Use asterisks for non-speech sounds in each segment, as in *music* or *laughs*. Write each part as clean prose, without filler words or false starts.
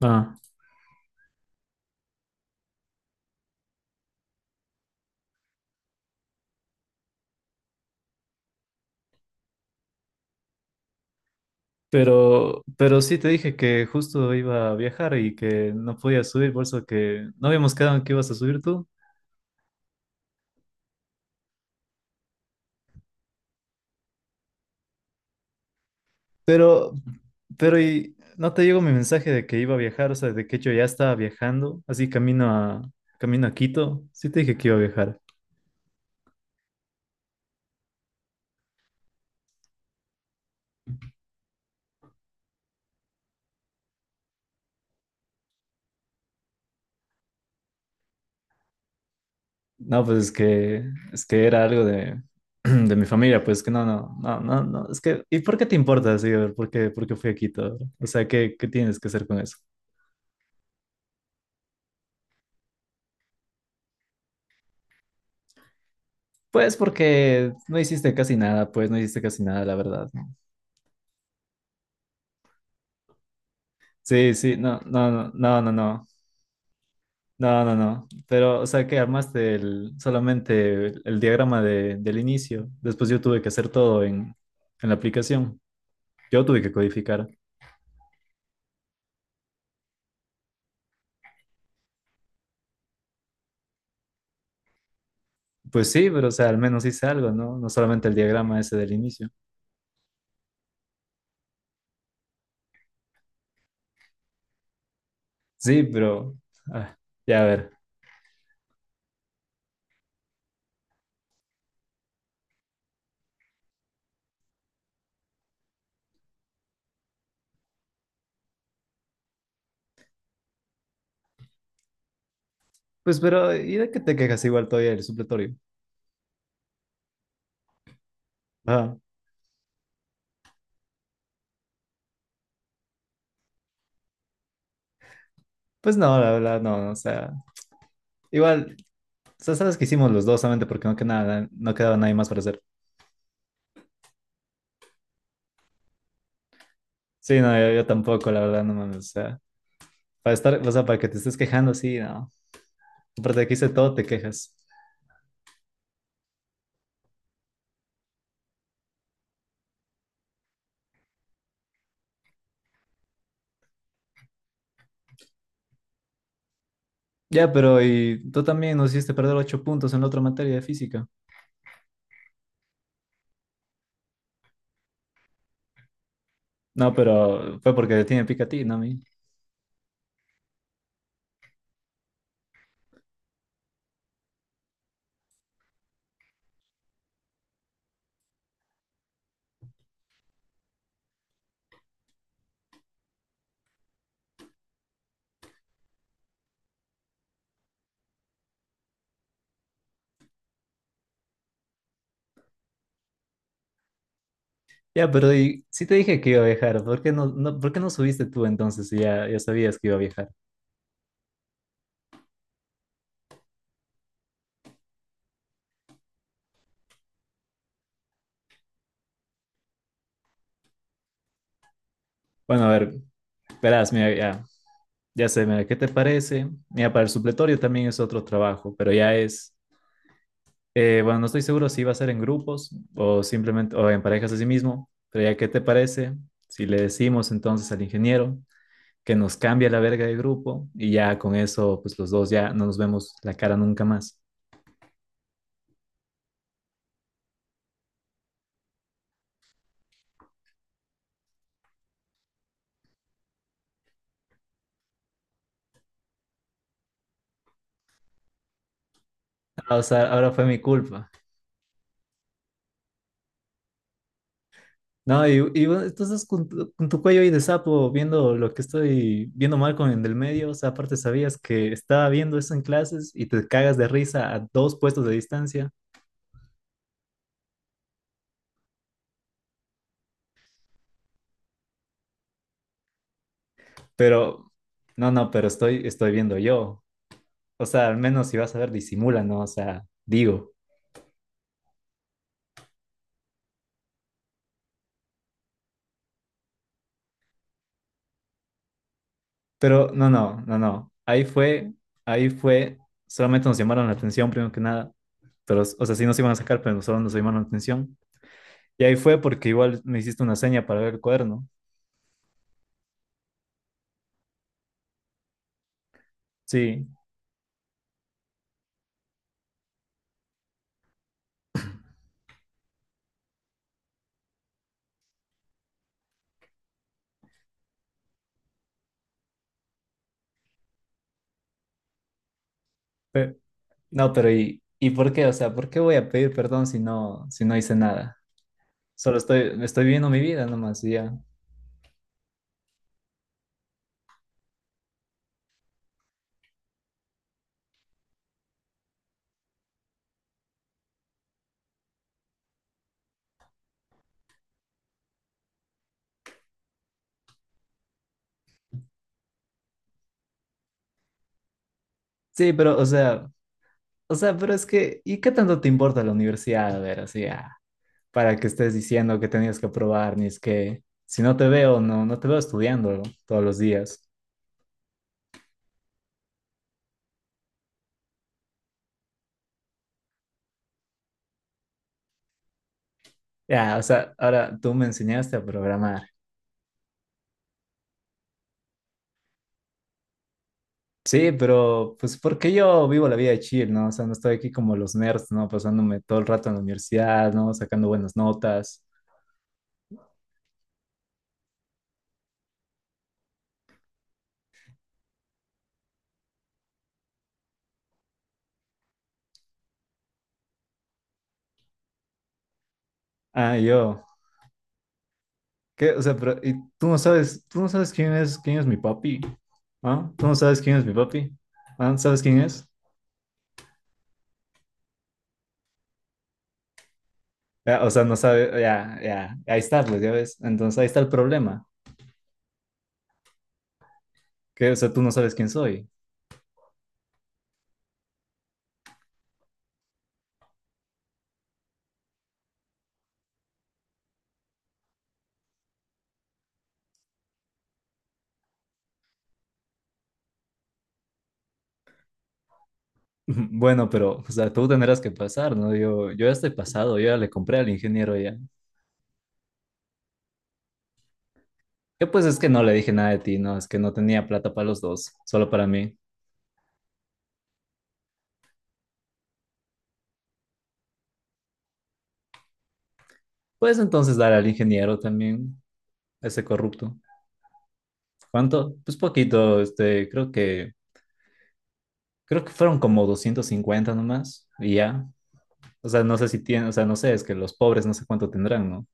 Ah, pero sí te dije que justo iba a viajar y que no podía subir, por eso que no habíamos quedado en que ibas a subir tú. Pero, pero y no te llegó mi mensaje de que iba a viajar, o sea, de que yo ya estaba viajando, así camino a Quito. Sí te dije que iba a viajar. No, pues es que era algo de, *clears throat* de mi familia, pues que no, es que, ¿y por qué te importa, así, a ver? ¿Por por qué fui a Quito? O sea, qué tienes que hacer con eso? Pues porque no hiciste casi nada, pues no hiciste casi nada, la verdad, ¿no? Sí, sí, no, no, no, no, no, no, no, no, no. Pero, o sea, que armaste solamente el diagrama de- del inicio. Después yo tuve que hacer todo en la aplicación. Yo tuve que codificar. Pues sí, pero, o sea, al menos hice algo, ¿no? No solamente el diagrama ese del inicio. Sí, pero, ah, ya a ver. Pues, pero, ¿y de qué te quejas igual todavía el supletorio? Ajá. Pues no, la verdad, no, no, o sea, igual. O sea, sabes que hicimos los dos solamente porque no quedaba nadie más para hacer. Sí, no, yo tampoco, la verdad, no mames. O sea, para estar, o sea, para que te estés quejando, sí, no. Aparte de que hice todo, te quejas. Ya, pero y tú también nos hiciste perder 8 puntos en la otra materia de física. No, pero fue porque te tiene pica a ti, no a mí. Ya, pero y sí te dije que iba a viajar. ¿Por qué por qué no subiste tú entonces si ya sabías que iba a viajar? Bueno, a ver, verás, mira, ya sé, mira, ¿qué te parece? Mira, para el supletorio también es otro trabajo, pero ya es... bueno, no estoy seguro si va a ser en grupos o simplemente o en parejas a sí mismo, pero ya qué te parece si le decimos entonces al ingeniero que nos cambie la verga de grupo y ya con eso pues los dos ya no nos vemos la cara nunca más. Ah, o sea, ahora fue mi culpa. No, y bueno, entonces con con tu cuello ahí de sapo viendo lo que estoy viendo mal con el del medio, o sea, aparte sabías que estaba viendo eso en clases y te cagas de risa a dos puestos de distancia, pero no, no, pero estoy viendo yo. O sea, al menos si vas a ver, disimula, ¿no? O sea, digo. Pero no. Ahí fue, solamente nos llamaron la atención, primero que nada. Pero, o sea, sí nos iban a sacar, pero solo nos llamaron la atención. Y ahí fue porque igual me hiciste una seña para ver el cuerno. Sí. Pe- no, pero y por qué? O sea, ¿por qué voy a pedir perdón si no hice nada? Solo estoy viviendo mi vida nomás y ya. Sí, pero, o sea, pero es que, ¿y qué tanto te importa la universidad? A ver, así, ah, para que estés diciendo que tenías que probar, ni es que si no te veo, no te veo estudiando todos los días. Ya, o sea, ahora tú me enseñaste a programar. Sí, pero pues porque yo vivo la vida de chill, ¿no? O sea, no estoy aquí como los nerds, ¿no? Pasándome todo el rato en la universidad, ¿no? Sacando buenas notas. Ah, yo. ¿Qué? O sea, pero ¿y tú no sabes quién quién es mi papi? ¿Ah? ¿Tú no sabes quién es mi papi? ¿Ah? ¿Sabes quién es? Ya, o sea, no sabe, ahí está, pues, ya ves. Entonces, ahí está el problema. ¿Qué? O sea, tú no sabes quién soy. *laughs* Bueno, pero, o sea, tú tendrás que pasar, ¿no? Yo ya estoy pasado, yo ya le compré al ingeniero ya. Yo pues es que no le dije nada de ti, no, es que no tenía plata para los dos, solo para mí. Puedes entonces dar al ingeniero también, a ese corrupto. ¿Cuánto? Pues poquito, este, creo que fueron como 250 nomás, y ya. O sea, no sé si tiene, o sea, no sé, es que los pobres no sé cuánto tendrán, ¿no?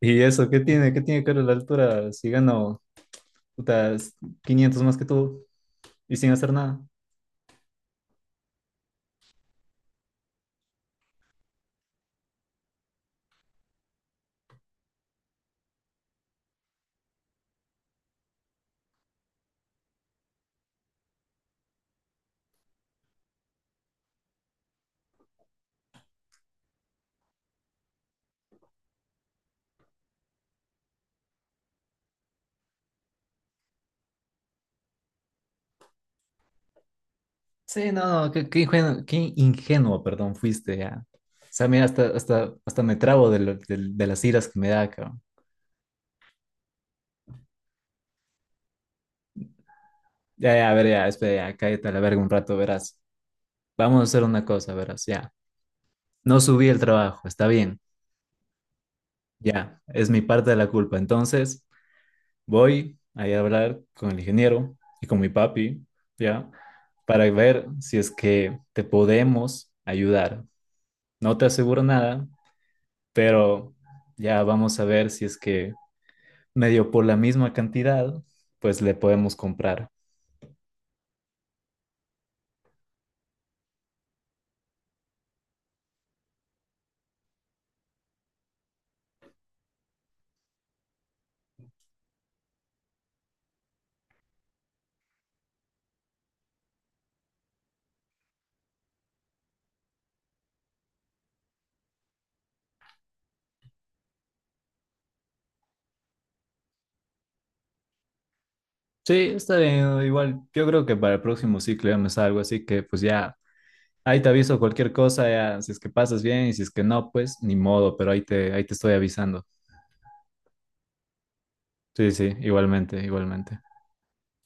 Y eso, ¿qué tiene? ¿Qué tiene que ver la altura? Si gano, puta, 500 más que tú y sin hacer nada. Sí, no, no, qué, qué ingenuo, perdón, fuiste ya. O sea, mira, hasta me trabo de, de las iras que me da, cabrón. Ya, a ver, ya, espera, ya, cállate a la verga un rato, verás. Vamos a hacer una cosa, verás, ya. No subí el trabajo, está bien, ya, es mi parte de la culpa. Entonces, voy a ir a hablar con el ingeniero y con mi papi, ya, para ver si es que te podemos ayudar. No te aseguro nada, pero ya vamos a ver si es que medio por la misma cantidad, pues le podemos comprar. Sí, está bien, igual yo creo que para el próximo ciclo ya me salgo, así que pues ya, ahí te aviso cualquier cosa, ya, si es que pasas bien y si es que no, pues ni modo, pero ahí te estoy avisando. Sí, sí, igualmente, igualmente.